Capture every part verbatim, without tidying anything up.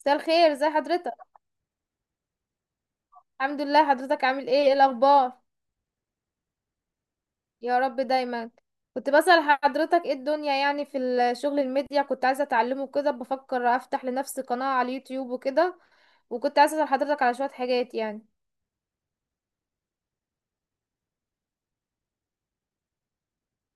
مساء الخير، ازي حضرتك؟ الحمد لله. حضرتك عامل ايه؟ ايه الاخبار؟ يا رب دايما. كنت بسأل حضرتك ايه الدنيا، يعني في الشغل الميديا كنت عايزة اتعلمه كده، بفكر افتح لنفسي قناة على اليوتيوب وكده. وكنت عايزة اسأل حضرتك على شوية حاجات يعني.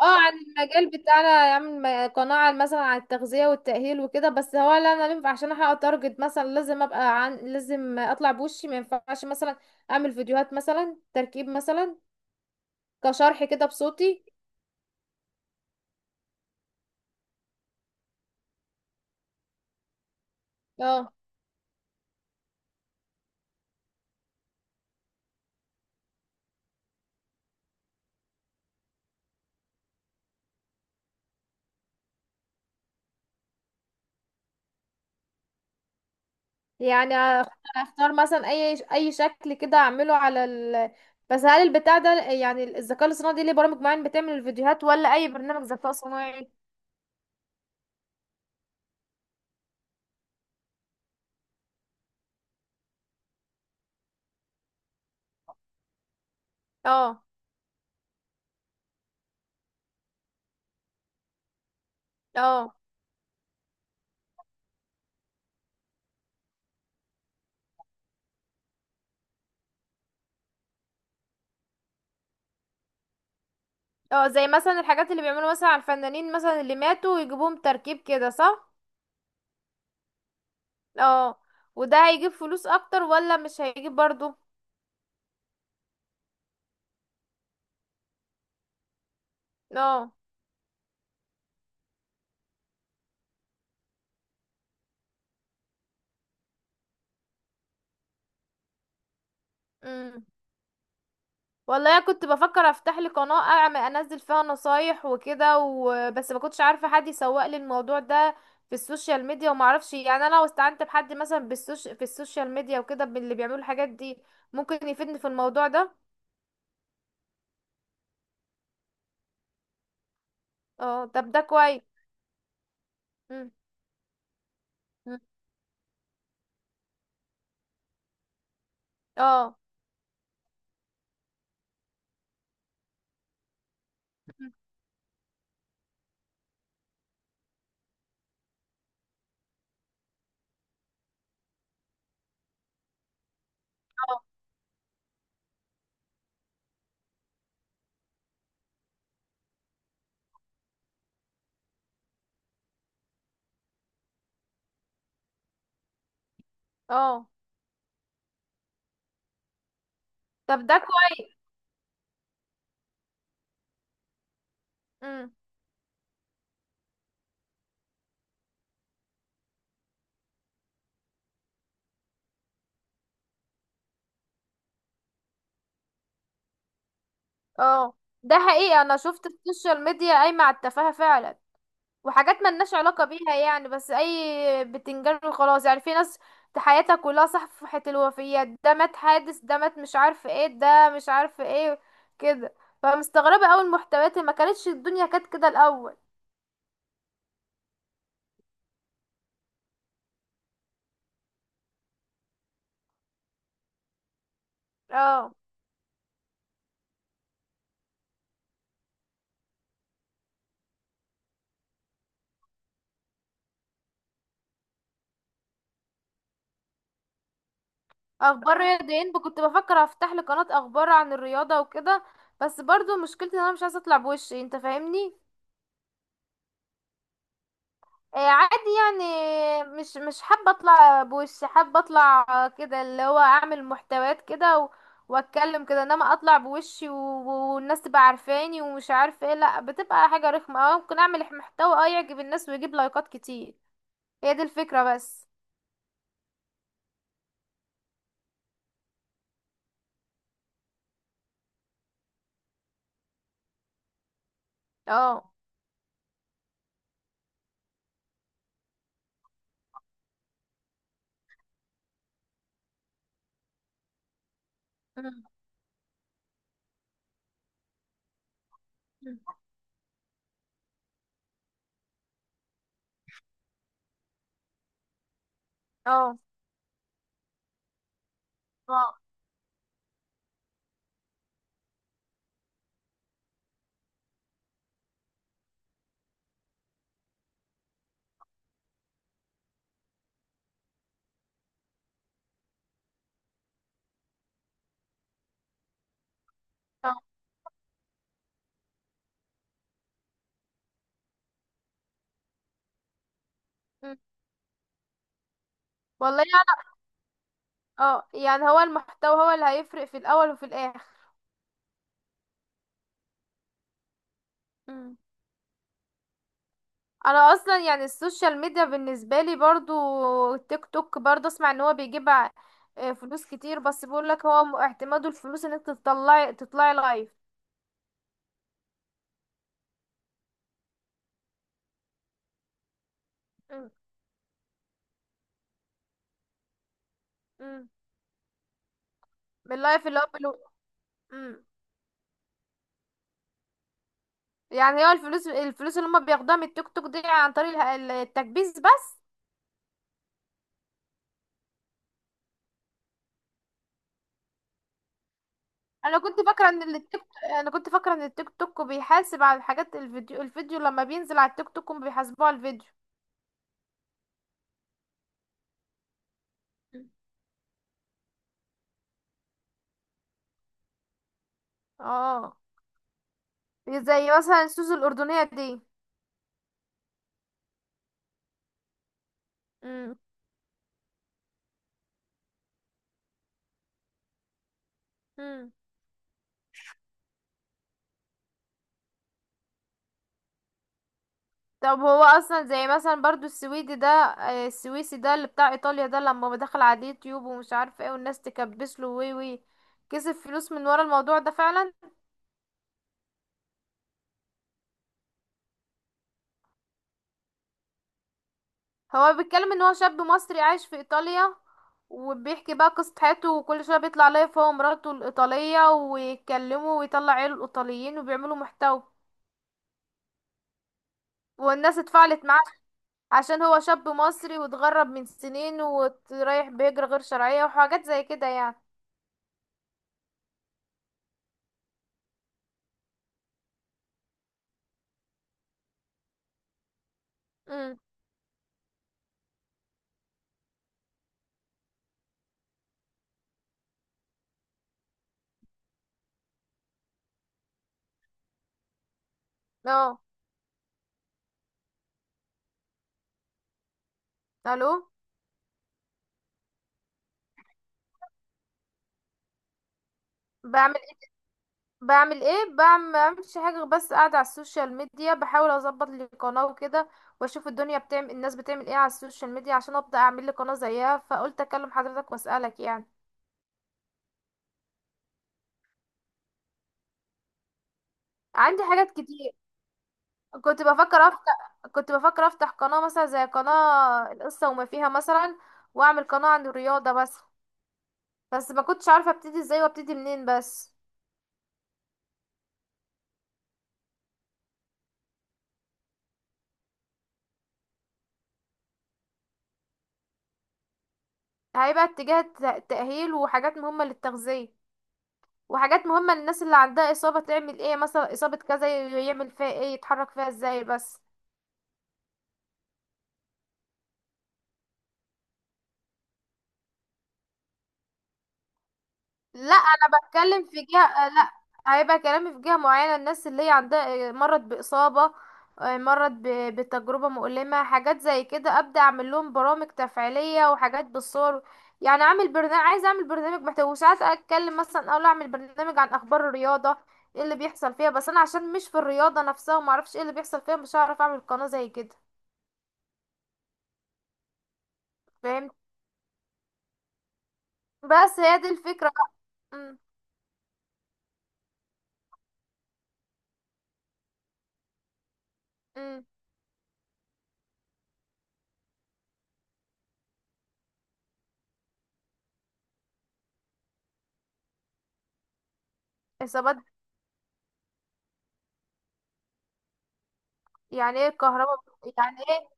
اه، عن المجال بتاعنا، اعمل م- قناة عن- مثلا عن التغذية والتأهيل وكده. بس هو لا، انا ينفع عشان احقق تارجت مثلا لازم ابقى عن، لازم اطلع بوشي؟ ما ينفعش مثلا اعمل فيديوهات مثلا تركيب مثلا؟ كشرح كده بصوتي؟ اه. يعني اختار مثلا اي اي شكل كده اعمله على ال... بس هل البتاع ده، يعني الذكاء الاصطناعي، دي ليه برامج معينة بتعمل الفيديوهات، ولا اي برنامج ذكاء صناعي؟ اه. اه. اه، زي مثلا الحاجات اللي بيعملوا مثلا على الفنانين مثلا اللي ماتوا ويجيبوهم تركيب كده، صح؟ اه. وده هيجيب فلوس اكتر ولا مش هيجيب برضو؟ اه. امم والله كنت بفكر افتح لي قناة، اعمل انزل فيها نصايح وكده و... بس ما كنتش عارفة حد يسوق لي الموضوع ده في السوشيال ميديا. وما اعرفش يعني، انا لو استعنت بحد مثلا بالسوش... في السوشيال ميديا وكده، باللي بيعملوا الحاجات دي، ممكن يفيدني في الموضوع ده؟ اه، طب ده كويس. مم. مم. اه. مم. اه. اه، طب ده كويس. مم. اه، ده حقيقة انا شفت السوشيال ميديا قايمة على التفاهة فعلا. وحاجات ملناش علاقة بيها، يعني بس اي بتنجان وخلاص، يعني في ناس حياتها كلها صفحة الوفيات، ده مات حادث، ده مات مش عارف ايه، ده مش عارف ايه كده. فمستغربة اوي المحتويات، ما كانتش الدنيا كانت كده الاول. اه، اخبار رياضيين كنت بفكر افتح لي قناة اخبار عن الرياضة وكده. بس برضو مشكلتي ان انا مش عايزة اطلع بوشي، انت فاهمني؟ آه، عادي يعني، مش مش حابة اطلع بوشي، حابة اطلع آه، كده اللي هو اعمل محتويات كده و... واتكلم كده، انما اطلع بوشي و... والناس تبقى عارفاني ومش عارفة ايه، لا بتبقى حاجة رخمة. اه، ممكن اعمل محتوى اه يعجب الناس ويجيب لايكات كتير، هي دي الفكرة بس. اه. مم. مم. اه. اه. آه. مم. والله يعني- اه يعني، هو المحتوى هو اللي هيفرق في الاول وفي الاخر. مم. انا اصلا يعني السوشيال ميديا بالنسبه لي، برضو تيك توك برضو اسمع ان هو بيجيب ع- آه، فلوس كتير، بس بيقول لك هو م- اعتماده الفلوس انك تطلعي، تطلعي لايف. م- م. من اللايف اللي هو بلو... م. يعني هو الفلوس، الفلوس اللي هم بياخدوها من التيك توك دي عن طريق اله- ال- التكبيس بس؟ انا كنت فاكره ان التيك انا كنت فاكره ان التيك توك بيحاسب على الحاجات، الفيديو، الفيديو لما بينزل على التيك توك هم بيحاسبوه على الفيديو. م. اه، زي مثلا السوس الاردنيه دي. م. م. طب هو اصلا زي مثلا برضو السويدي ده، آه، السويسي ده اللي بتاع ايطاليا ده، لما دخل على اليوتيوب ومش عارف ايه والناس تكبس له وي وي، كسب فلوس من ورا الموضوع ده فعلا؟ هو بيتكلم ان هو شاب مصري عايش في ايطاليا، وبيحكي بقى قصة حياته، وكل شوية بيطلع لايف هو ومراته الإيطالية ويتكلموا ويطلع عيله الإيطاليين وبيعملوا محتوى، والناس اتفاعلت معاه عشان هو شاب مصري واتغرب من سنين ورايح بهجرة غير شرعية وحاجات زي كده يعني. امم اه. الو. بعمل، بعمل ايه بعمل، ما بعملش حاجه غير بس قاعده على السوشيال ميديا، بحاول اظبط لي قناه وكده، واشوف الدنيا بتعمل، الناس بتعمل ايه على السوشيال ميديا، عشان ابدا اعمل لي قناه زيها. فقلت اكلم حضرتك واسالك يعني. عندي حاجات كتير. كنت بفكر افتح كنت بفكر افتح قناه مثلا زي قناه القصه وما فيها مثلا، واعمل قناه عن الرياضه بس. بس ما كنتش عارفه ابتدي ازاي وابتدي منين بس. هيبقى اتجاه الت- تاهيل، وحاجات مهمه للتغذيه، وحاجات مهمة للناس اللي عندها إصابة، تعمل ايه مثلا، إصابة كذا يعمل فيها ايه، يتحرك فيها ازاي، بس. لا، أنا بتكلم في جهة، آه، لا، هيبقى كلامي في جهة معينة، الناس اللي هي عندها آه، مرض بإصابة، آه، مرض ب- بتجربة مؤلمة، حاجات زي كده، أبدأ أعمل لهم برامج تفعيلية وحاجات بالصور. يعني أعمل برنامج، عايزة أعمل برنامج محتوى، وساعات أتكلم مثلا، أقول أعمل برنامج عن أخبار الرياضة، ايه اللي بيحصل فيها. بس أنا عشان مش في الرياضة نفسها ومعرفش ايه اللي بيحصل فيها، مش هعرف أعمل قناة زي كده. فاهم؟ بس هي دي الفكرة بقى. امم امم. اصابات. يعني ايه الكهرباء؟ يعني ايه؟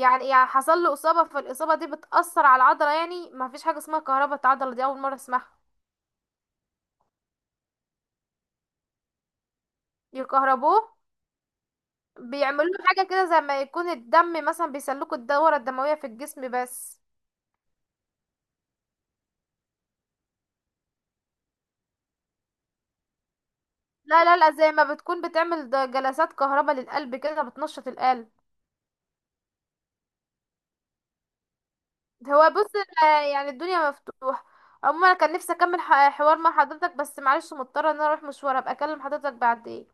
يعني، يعني حصل له اصابة فالاصابة دي بتأثر على العضلة، يعني ما فيش حاجة اسمها كهرباء العضلة، دي اول مرة اسمعها. يكهربوه؟ بيعملوا له حاجة كده زي ما يكون الدم مثلا، بيسلكوا الدورة الدموية في الجسم بس. لا لا لا، زي ما بتكون بتعمل د- جلسات كهرباء للقلب كده بتنشط القلب. هو بص، آه، يعني الدنيا مفتوحة عموما. انا كان نفسي اكمل ح- حوار مع حضرتك بس معلش مضطرة ان انا اروح مشوار، ابقى اكلم حضرتك بعدين.